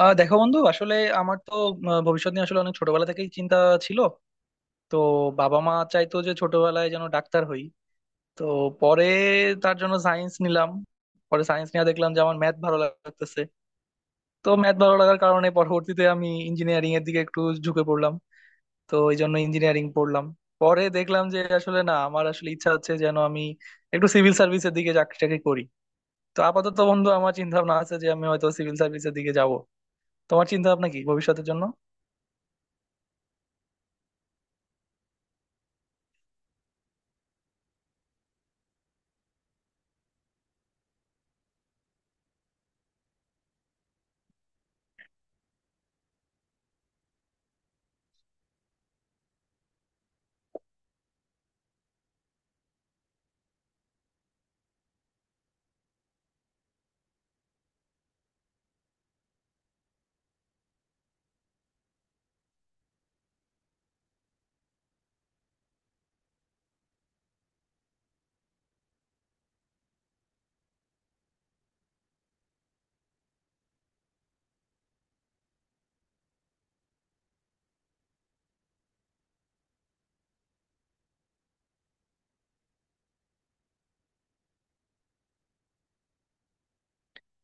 দেখো বন্ধু, আসলে আমার তো ভবিষ্যৎ নিয়ে আসলে অনেক ছোটবেলা থেকেই চিন্তা ছিল। তো বাবা মা চাইতো যে ছোটবেলায় যেন ডাক্তার হই। তো পরে তার জন্য সায়েন্স নিলাম। পরে সায়েন্স নিয়ে দেখলাম যে আমার ম্যাথ ভালো লাগতেছে। তো ম্যাথ ভালো লাগার কারণে পরবর্তীতে আমি ইঞ্জিনিয়ারিং এর দিকে একটু ঝুঁকে পড়লাম। তো এই জন্য ইঞ্জিনিয়ারিং পড়লাম। পরে দেখলাম যে আসলে না, আমার আসলে ইচ্ছা হচ্ছে যেন আমি একটু সিভিল সার্ভিসের দিকে চাকরি টাকরি করি। তো আপাতত বন্ধু আমার চিন্তা ভাবনা আছে যে আমি হয়তো সিভিল সার্ভিসের দিকে যাব। তোমার চিন্তা ভাবনা কি ভবিষ্যতের জন্য?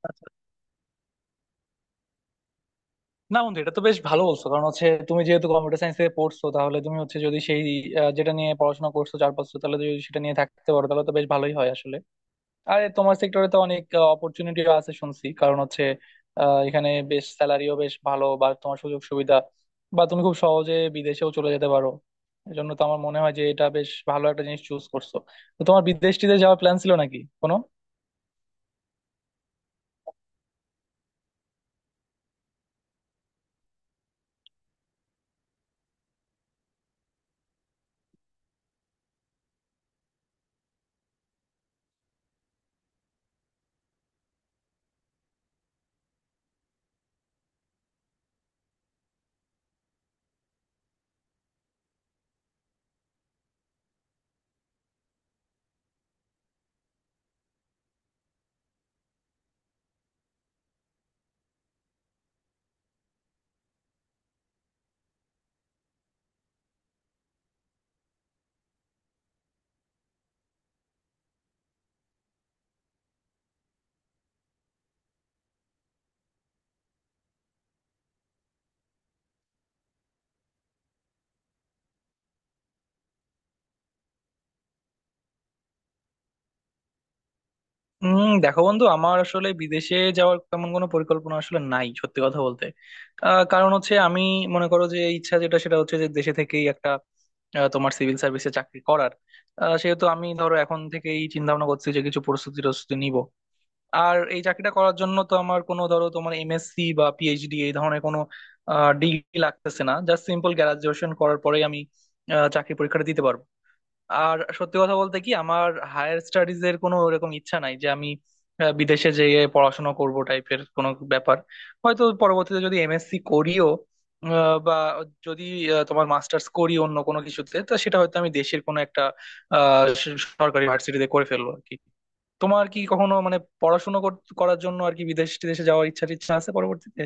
আচ্ছা। না বন্ধু, এটা তো বেশ ভালো বলছো, কারণ হচ্ছে তুমি যেহেতু কম্পিউটার সায়েন্সে পড়ছো, তাহলে তুমি হচ্ছে যদি সেই যেটা নিয়ে পড়াশোনা করছো 4 বছর, তাহলে যদি সেটা নিয়ে থাকতে পারো তাহলে তো বেশ ভালোই হয় আসলে। আর তোমার সেক্টরে তো অনেক অপরচুনিটি আছে শুনছি, কারণ হচ্ছে এখানে বেশ স্যালারিও বেশ ভালো বা তোমার সুযোগ সুবিধা বা তুমি খুব সহজে বিদেশেও চলে যেতে পারো। এজন্য তো আমার মনে হয় যে এটা বেশ ভালো একটা জিনিস চুজ করছো। তো তোমার বিদেশ টিদেশ যাওয়ার প্ল্যান ছিল নাকি কোনো? দেখো বন্ধু, আমার আসলে বিদেশে যাওয়ার তেমন কোনো পরিকল্পনা আসলে নাই, সত্যি কথা বলতে। কারণ হচ্ছে আমি মনে করো যে ইচ্ছা যেটা সেটা হচ্ছে যে দেশে থেকেই একটা তোমার সিভিল সার্ভিসে চাকরি করার, সেহেতু আমি ধরো এখন থেকেই চিন্তা ভাবনা করছি যে কিছু প্রস্তুতি টস্তুতি নিব। আর এই চাকরিটা করার জন্য তো আমার কোনো ধরো তোমার এমএসসি বা পিএইচডি এই ধরনের কোনো ডিগ্রি লাগতেছে না, জাস্ট সিম্পল গ্রাজুয়েশন করার পরেই আমি চাকরি পরীক্ষাটা দিতে পারবো। আর সত্যি কথা বলতে কি, আমার হায়ার স্টাডিজ এর কোনো ওরকম ইচ্ছা নাই যে আমি বিদেশে যেয়ে পড়াশোনা করব টাইপের কোনো ব্যাপার। হয়তো পরবর্তীতে যদি এমএসসি করিও, বা যদি তোমার মাস্টার্স করি অন্য কোনো কিছুতে, তো সেটা হয়তো আমি দেশের কোনো একটা সরকারি ভার্সিটিতে করে ফেলবো আর কি। তোমার কি কখনো মানে পড়াশোনা করার জন্য আর কি বিদেশ টিদেশে যাওয়ার ইচ্ছা টিচ্ছা আছে পরবর্তীতে?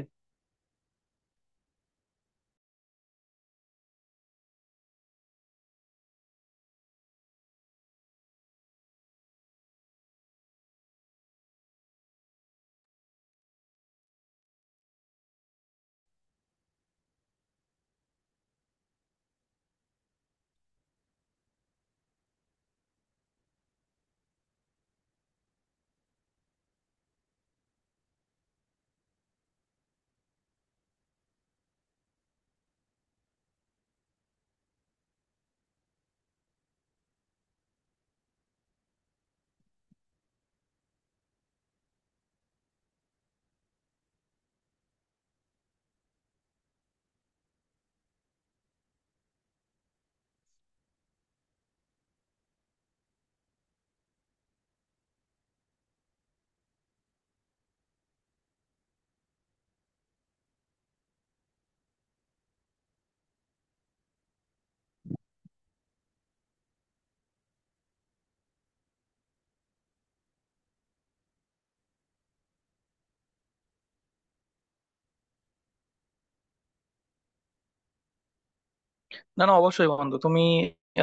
না না অবশ্যই বন্ধু, তুমি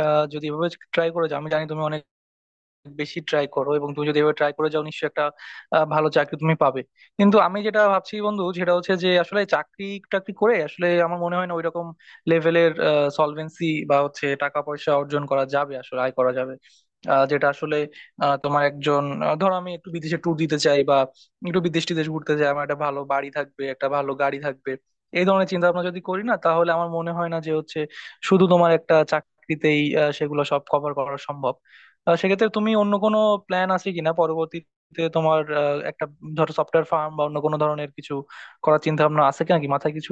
যদি এভাবে ট্রাই করে যাও, আমি জানি তুমি অনেক বেশি ট্রাই করো, এবং তুমি যদি এভাবে ট্রাই করে যাও নিশ্চয়ই একটা ভালো চাকরি তুমি পাবে। কিন্তু আমি যেটা ভাবছি বন্ধু সেটা হচ্ছে যে আসলে চাকরি টাকরি করে আসলে আমার মনে হয় না ওইরকম লেভেলের সলভেন্সি বা হচ্ছে টাকা পয়সা অর্জন করা যাবে, আসলে আয় করা যাবে যেটা আসলে, তোমার একজন ধরো আমি একটু বিদেশে ট্যুর দিতে চাই বা একটু বিদেশ টিদেশ ঘুরতে চাই, আমার একটা ভালো বাড়ি থাকবে, একটা ভালো গাড়ি থাকবে। এই ধরনের চিন্তা ভাবনা যদি করি না, তাহলে আমার মনে হয় না যে হচ্ছে শুধু তোমার একটা চাকরিতেই সেগুলো সব কভার করা সম্ভব। সেক্ষেত্রে তুমি অন্য কোনো প্ল্যান আছে কিনা পরবর্তীতে, তোমার একটা ধরো সফটওয়্যার ফার্ম বা অন্য কোনো ধরনের কিছু করার চিন্তা ভাবনা আছে কিনা, কি মাথায় কিছু?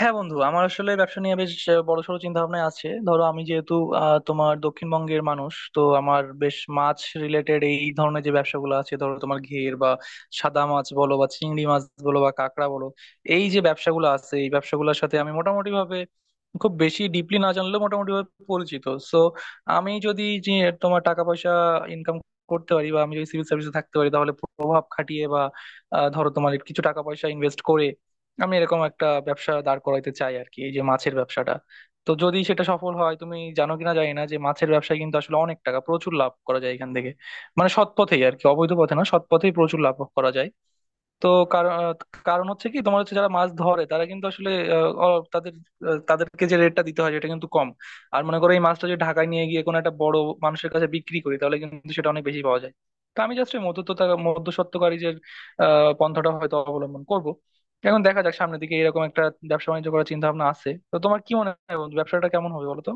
হ্যাঁ বন্ধু, আমার আসলে ব্যবসা নিয়ে বেশ বড়সড় চিন্তা ভাবনা আছে। ধরো আমি যেহেতু তোমার দক্ষিণবঙ্গের মানুষ, তো আমার বেশ মাছ রিলেটেড এই ধরনের যে ব্যবসাগুলো আছে, ধরো তোমার ঘের বা সাদা মাছ বলো বা চিংড়ি মাছ বলো বা কাঁকড়া বলো, এই যে ব্যবসাগুলো আছে এই ব্যবসাগুলোর সাথে আমি মোটামুটি ভাবে, খুব বেশি ডিপলি না জানলেও মোটামুটি ভাবে পরিচিত। সো আমি যদি যে তোমার টাকা পয়সা ইনকাম করতে পারি বা আমি যদি সিভিল সার্ভিসে থাকতে পারি, তাহলে প্রভাব খাটিয়ে বা ধরো তোমার কিছু টাকা পয়সা ইনভেস্ট করে আমি এরকম একটা ব্যবসা দাঁড় করাইতে চাই আর কি, এই যে মাছের ব্যবসাটা। তো যদি সেটা সফল হয়, তুমি জানো কিনা জানি না যে মাছের ব্যবসায় কিন্তু আসলে অনেক টাকা, প্রচুর লাভ করা যায় এখান থেকে। মানে সৎ পথেই আর কি, অবৈধ পথে না, সৎ পথেই প্রচুর লাভ করা যায়। তো কারণ, কারণ হচ্ছে কি তোমার হচ্ছে যারা মাছ ধরে তারা কিন্তু আসলে আহ, অ- তাদের, তাদেরকে যে রেটটা দিতে হয় সেটা কিন্তু কম। আর মনে করো এই মাছটা যদি ঢাকায় নিয়ে গিয়ে কোনো একটা বড় মানুষের কাছে বিক্রি করি, তাহলে কিন্তু সেটা অনেক বেশি পাওয়া যায়। তো আমি জাস্ট মধ্যস্থতা, মধ্যস্বত্বকারীদের পন্থাটা হয়তো অবলম্বন করব। এখন দেখা যাক সামনের দিকে, এরকম একটা ব্যবসা বাণিজ্য করার চিন্তা ভাবনা আছে। তো তোমার কি মনে হয় বন্ধু, ব্যবসাটা কেমন হবে বলো তো?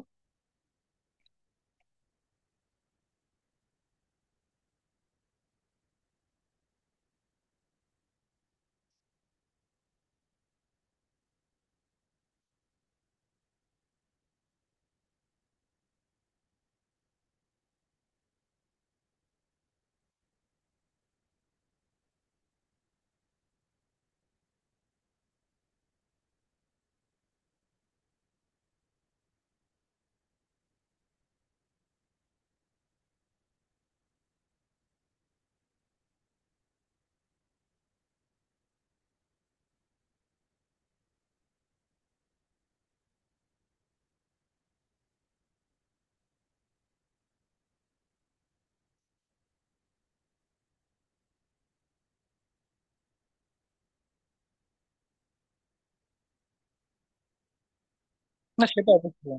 না সেটা অবশ্যই।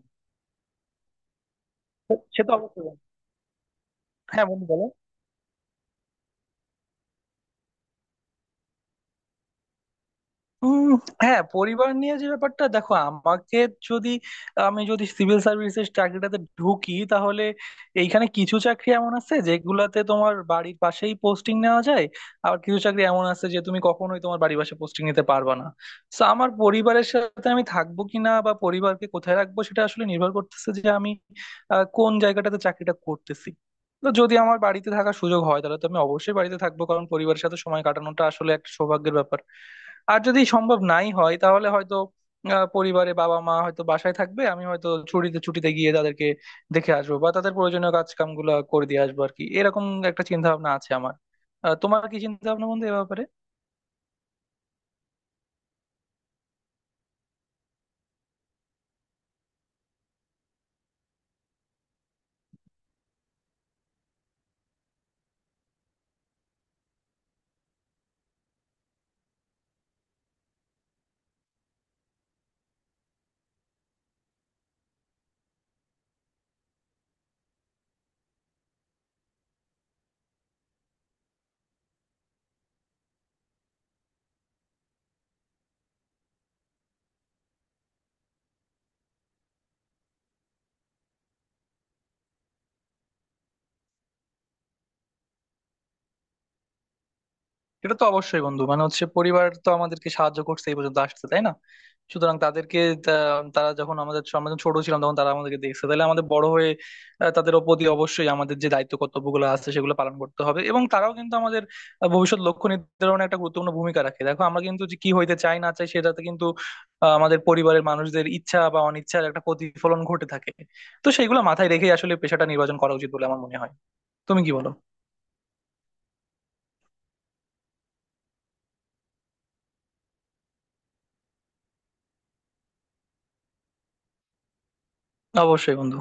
সে তো অবশ্যই। হ্যাঁ বন্ধু বলো। উম, হ্যাঁ, পরিবার নিয়ে যে ব্যাপারটা, দেখো আমাকে যদি, আমি যদি সিভিল সার্ভিসের চাকরিটাতে ঢুকি, তাহলে এইখানে কিছু চাকরি এমন আছে যেগুলাতে তোমার বাড়ির পাশেই পোস্টিং নেওয়া যায়। আবার কিছু চাকরি এমন আছে যে তুমি কখনোই তোমার বাড়ির পাশে পোস্টিং নিতে পারবে না। তো আমার পরিবারের সাথে আমি থাকবো কিনা বা পরিবারকে কোথায় রাখবো, সেটা আসলে নির্ভর করতেছে যে আমি কোন জায়গাটাতে চাকরিটা করতেছি। তো যদি আমার বাড়িতে থাকার সুযোগ হয়, তাহলে তো আমি অবশ্যই বাড়িতে থাকবো, কারণ পরিবারের সাথে সময় কাটানোটা আসলে একটা সৌভাগ্যের ব্যাপার। আর যদি সম্ভব নাই হয়, তাহলে হয়তো পরিবারে বাবা মা হয়তো বাসায় থাকবে, আমি হয়তো ছুটিতে ছুটিতে গিয়ে তাদেরকে দেখে আসবো বা তাদের প্রয়োজনীয় কাজ কামগুলো করে দিয়ে আসবো আর কি, এরকম একটা চিন্তা ভাবনা আছে আমার। তোমার কি চিন্তা ভাবনা বন্ধু এ ব্যাপারে? এটা তো অবশ্যই বন্ধু, মানে হচ্ছে পরিবার তো আমাদেরকে সাহায্য করছে এই পর্যন্ত আসতে, তাই না? সুতরাং তাদেরকে তা- তারা যখন আমাদের আমরা যখন ছোট ছিলাম তখন তারা আমাদেরকে দেখছে, তাহলে আমাদের বড় হয়ে তাদের প্রতি অবশ্যই আমাদের যে দায়িত্ব কর্তব্যগুলো আছে সেগুলো পালন করতে হবে। এবং তারাও কিন্তু আমাদের ভবিষ্যৎ লক্ষ্য নির্ধারণে একটা গুরুত্বপূর্ণ ভূমিকা রাখে। দেখো আমরা কিন্তু যে কি হইতে চাই না চাই সেটাতে কিন্তু আমাদের পরিবারের মানুষদের ইচ্ছা বা অনিচ্ছার একটা প্রতিফলন ঘটে থাকে। তো সেইগুলো মাথায় রেখেই আসলে পেশাটা নির্বাচন করা উচিত বলে আমার মনে হয়। তুমি কি বলো? অবশ্যই বন্ধু।